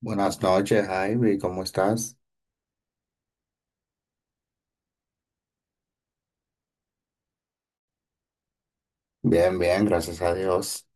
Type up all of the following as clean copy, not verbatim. Buenas noches, Javi, ¿cómo estás? Bien, bien, gracias a Dios.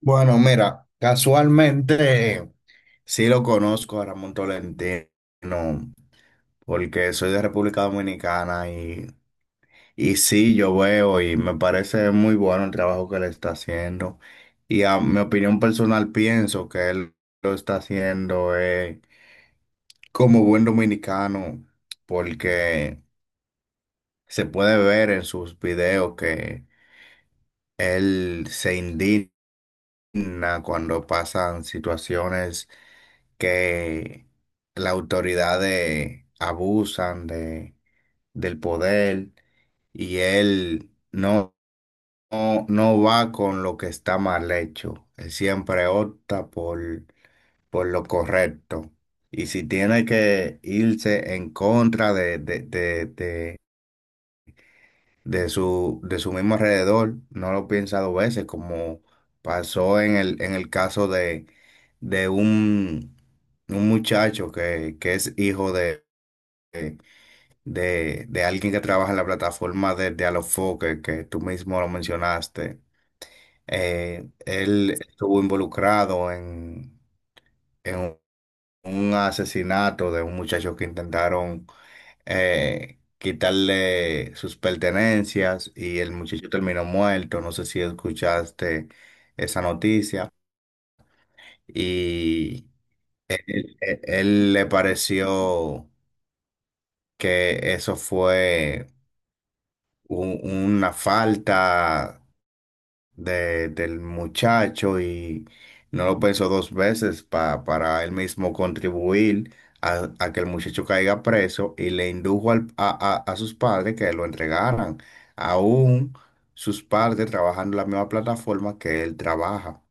Bueno, mira, casualmente sí lo conozco a Ramón Tolentino, porque soy de República Dominicana y sí, yo veo y me parece muy bueno el trabajo que le está haciendo. Y a mi opinión personal pienso que él lo está haciendo como buen dominicano, porque se puede ver en sus videos que él se indigna cuando pasan situaciones que las autoridades abusan del poder y él no va con lo que está mal hecho. Él siempre opta por lo correcto. Y si tiene que irse en contra de su mismo alrededor, no lo piensa dos veces, como pasó en el caso de un muchacho que es hijo de alguien que trabaja en la plataforma de Alofoque, que tú mismo lo mencionaste. Él estuvo involucrado en un asesinato de un muchacho que intentaron quitarle sus pertenencias y el muchacho terminó muerto. No sé si escuchaste esa noticia. Y él le pareció que eso fue una falta del muchacho y no lo pensó dos veces para él mismo contribuir a que el muchacho caiga preso y le indujo a sus padres que lo entregaran. Aún sus padres trabajan en la misma plataforma que él trabaja.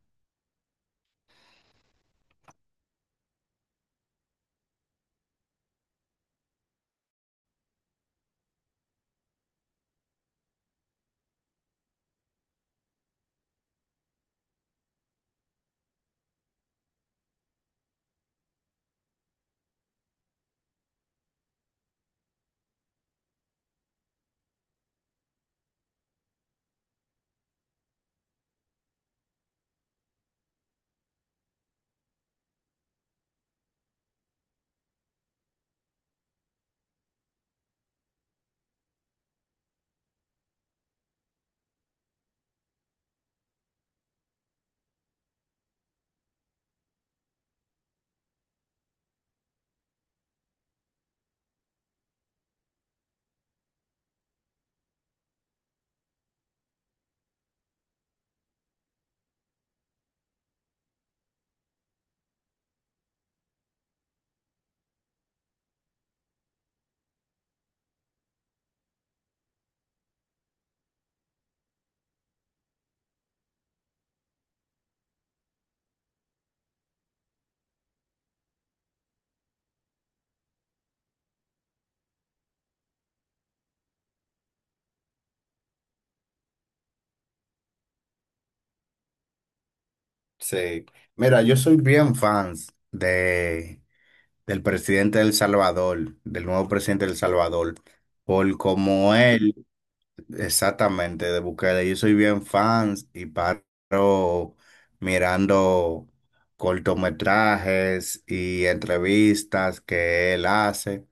Sí. Mira, yo soy bien fans del presidente de El Salvador, del nuevo presidente de El Salvador, por como él. Exactamente, de Bukele. Yo soy bien fan y paro mirando cortometrajes y entrevistas que él hace.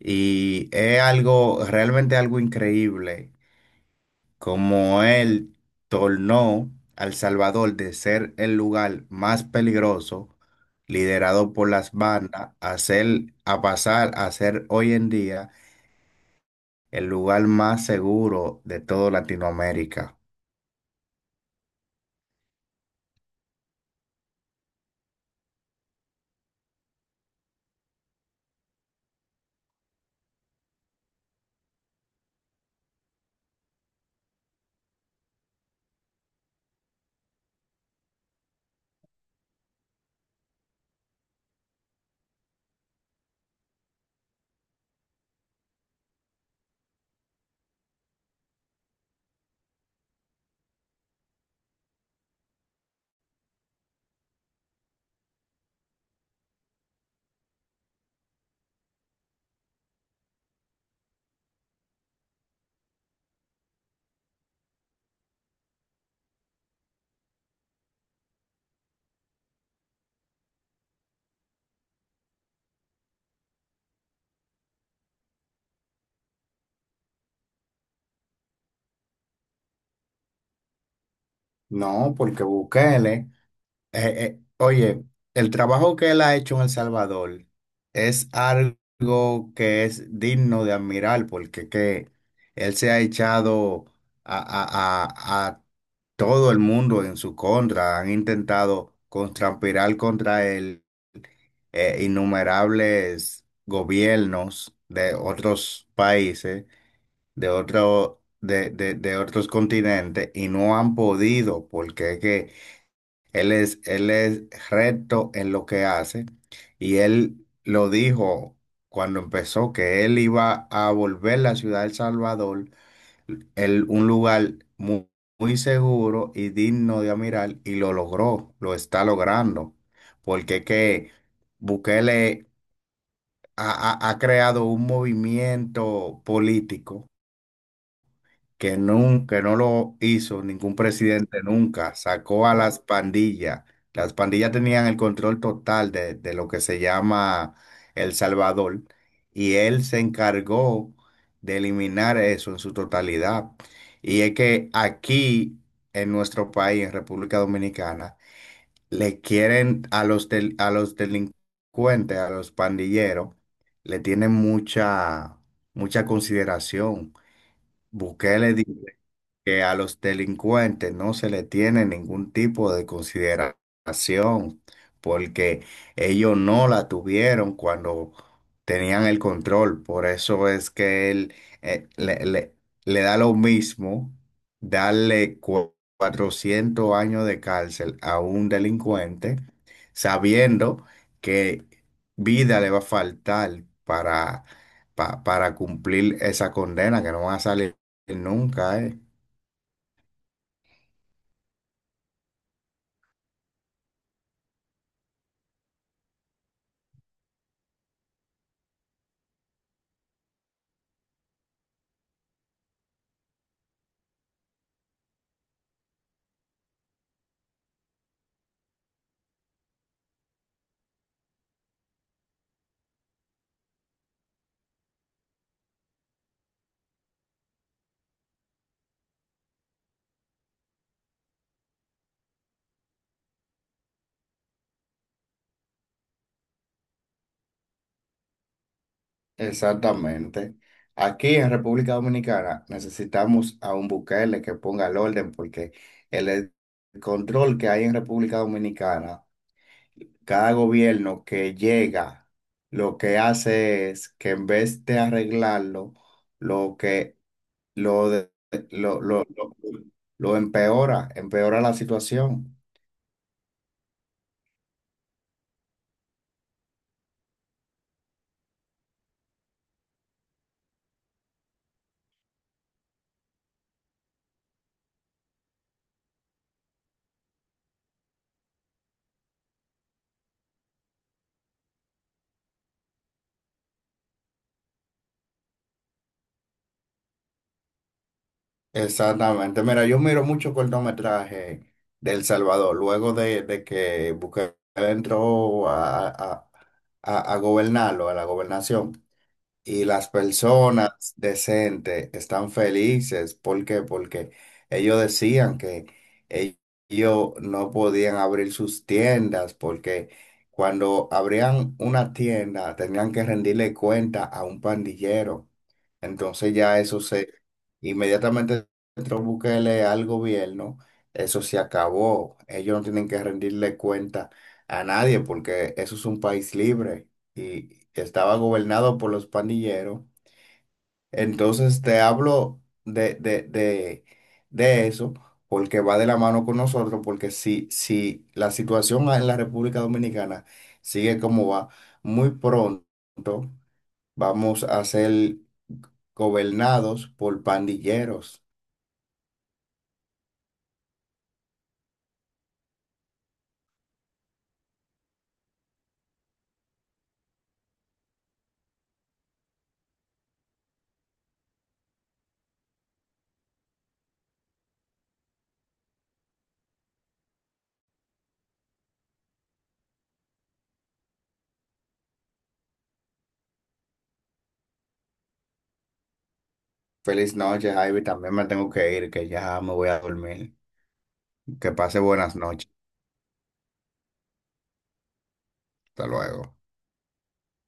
Y es algo, realmente algo increíble, como él tornó a El Salvador de ser el lugar más peligroso, liderado por las bandas, a pasar a ser hoy en día el lugar más seguro de toda Latinoamérica. No, porque Bukele, oye, el trabajo que él ha hecho en El Salvador es algo que es digno de admirar, porque que él se ha echado a todo el mundo en su contra, han intentado contrapirar contra él innumerables gobiernos de otros países, de otros continentes, y no han podido, porque es que él es recto en lo que hace y él lo dijo cuando empezó que él iba a volver la ciudad del Salvador, un lugar muy seguro y digno de admirar y lo logró, lo está logrando, porque que Bukele ha, ha creado un movimiento político que nunca, no lo hizo ningún presidente nunca, sacó a las pandillas. Las pandillas tenían el control total de lo que se llama El Salvador y él se encargó de eliminar eso en su totalidad. Y es que aquí, en nuestro país, en República Dominicana, le quieren a los, a los delincuentes, a los pandilleros, le tienen mucha, mucha consideración. Bukele que a los delincuentes no se le tiene ningún tipo de consideración, porque ellos no la tuvieron cuando tenían el control. Por eso es que él eh, le, le- le da lo mismo darle 400 años de cárcel a un delincuente, sabiendo que vida le va a faltar para, para cumplir esa condena, que no van a salir nunca, ¿eh? Exactamente. Aquí en República Dominicana necesitamos a un Bukele que ponga el orden porque el control que hay en República Dominicana, cada gobierno que llega, lo que hace es que en vez de arreglarlo, lo que lo, de- lo, lo, lo, lo empeora, empeora la situación. Exactamente. Mira, yo miro mucho cortometraje de El Salvador. Luego de que Bukele entró a gobernarlo, a la gobernación, y las personas decentes están felices. ¿Por qué? Porque ellos decían que e- ellos no podían abrir sus tiendas porque cuando abrían una tienda tenían que rendirle cuenta a un pandillero. Entonces ya inmediatamente entró Bukele al gobierno, eso se acabó. Ellos no tienen que rendirle cuenta a nadie porque eso es un país libre y estaba gobernado por los pandilleros. Entonces te hablo de eso porque va de la mano con nosotros, porque si, si la situación en la República Dominicana sigue como va, muy pronto vamos a ser gobernados por pandilleros. Feliz noche, Javi. También me tengo que ir, que ya me voy a dormir. Que pase buenas noches. Hasta luego.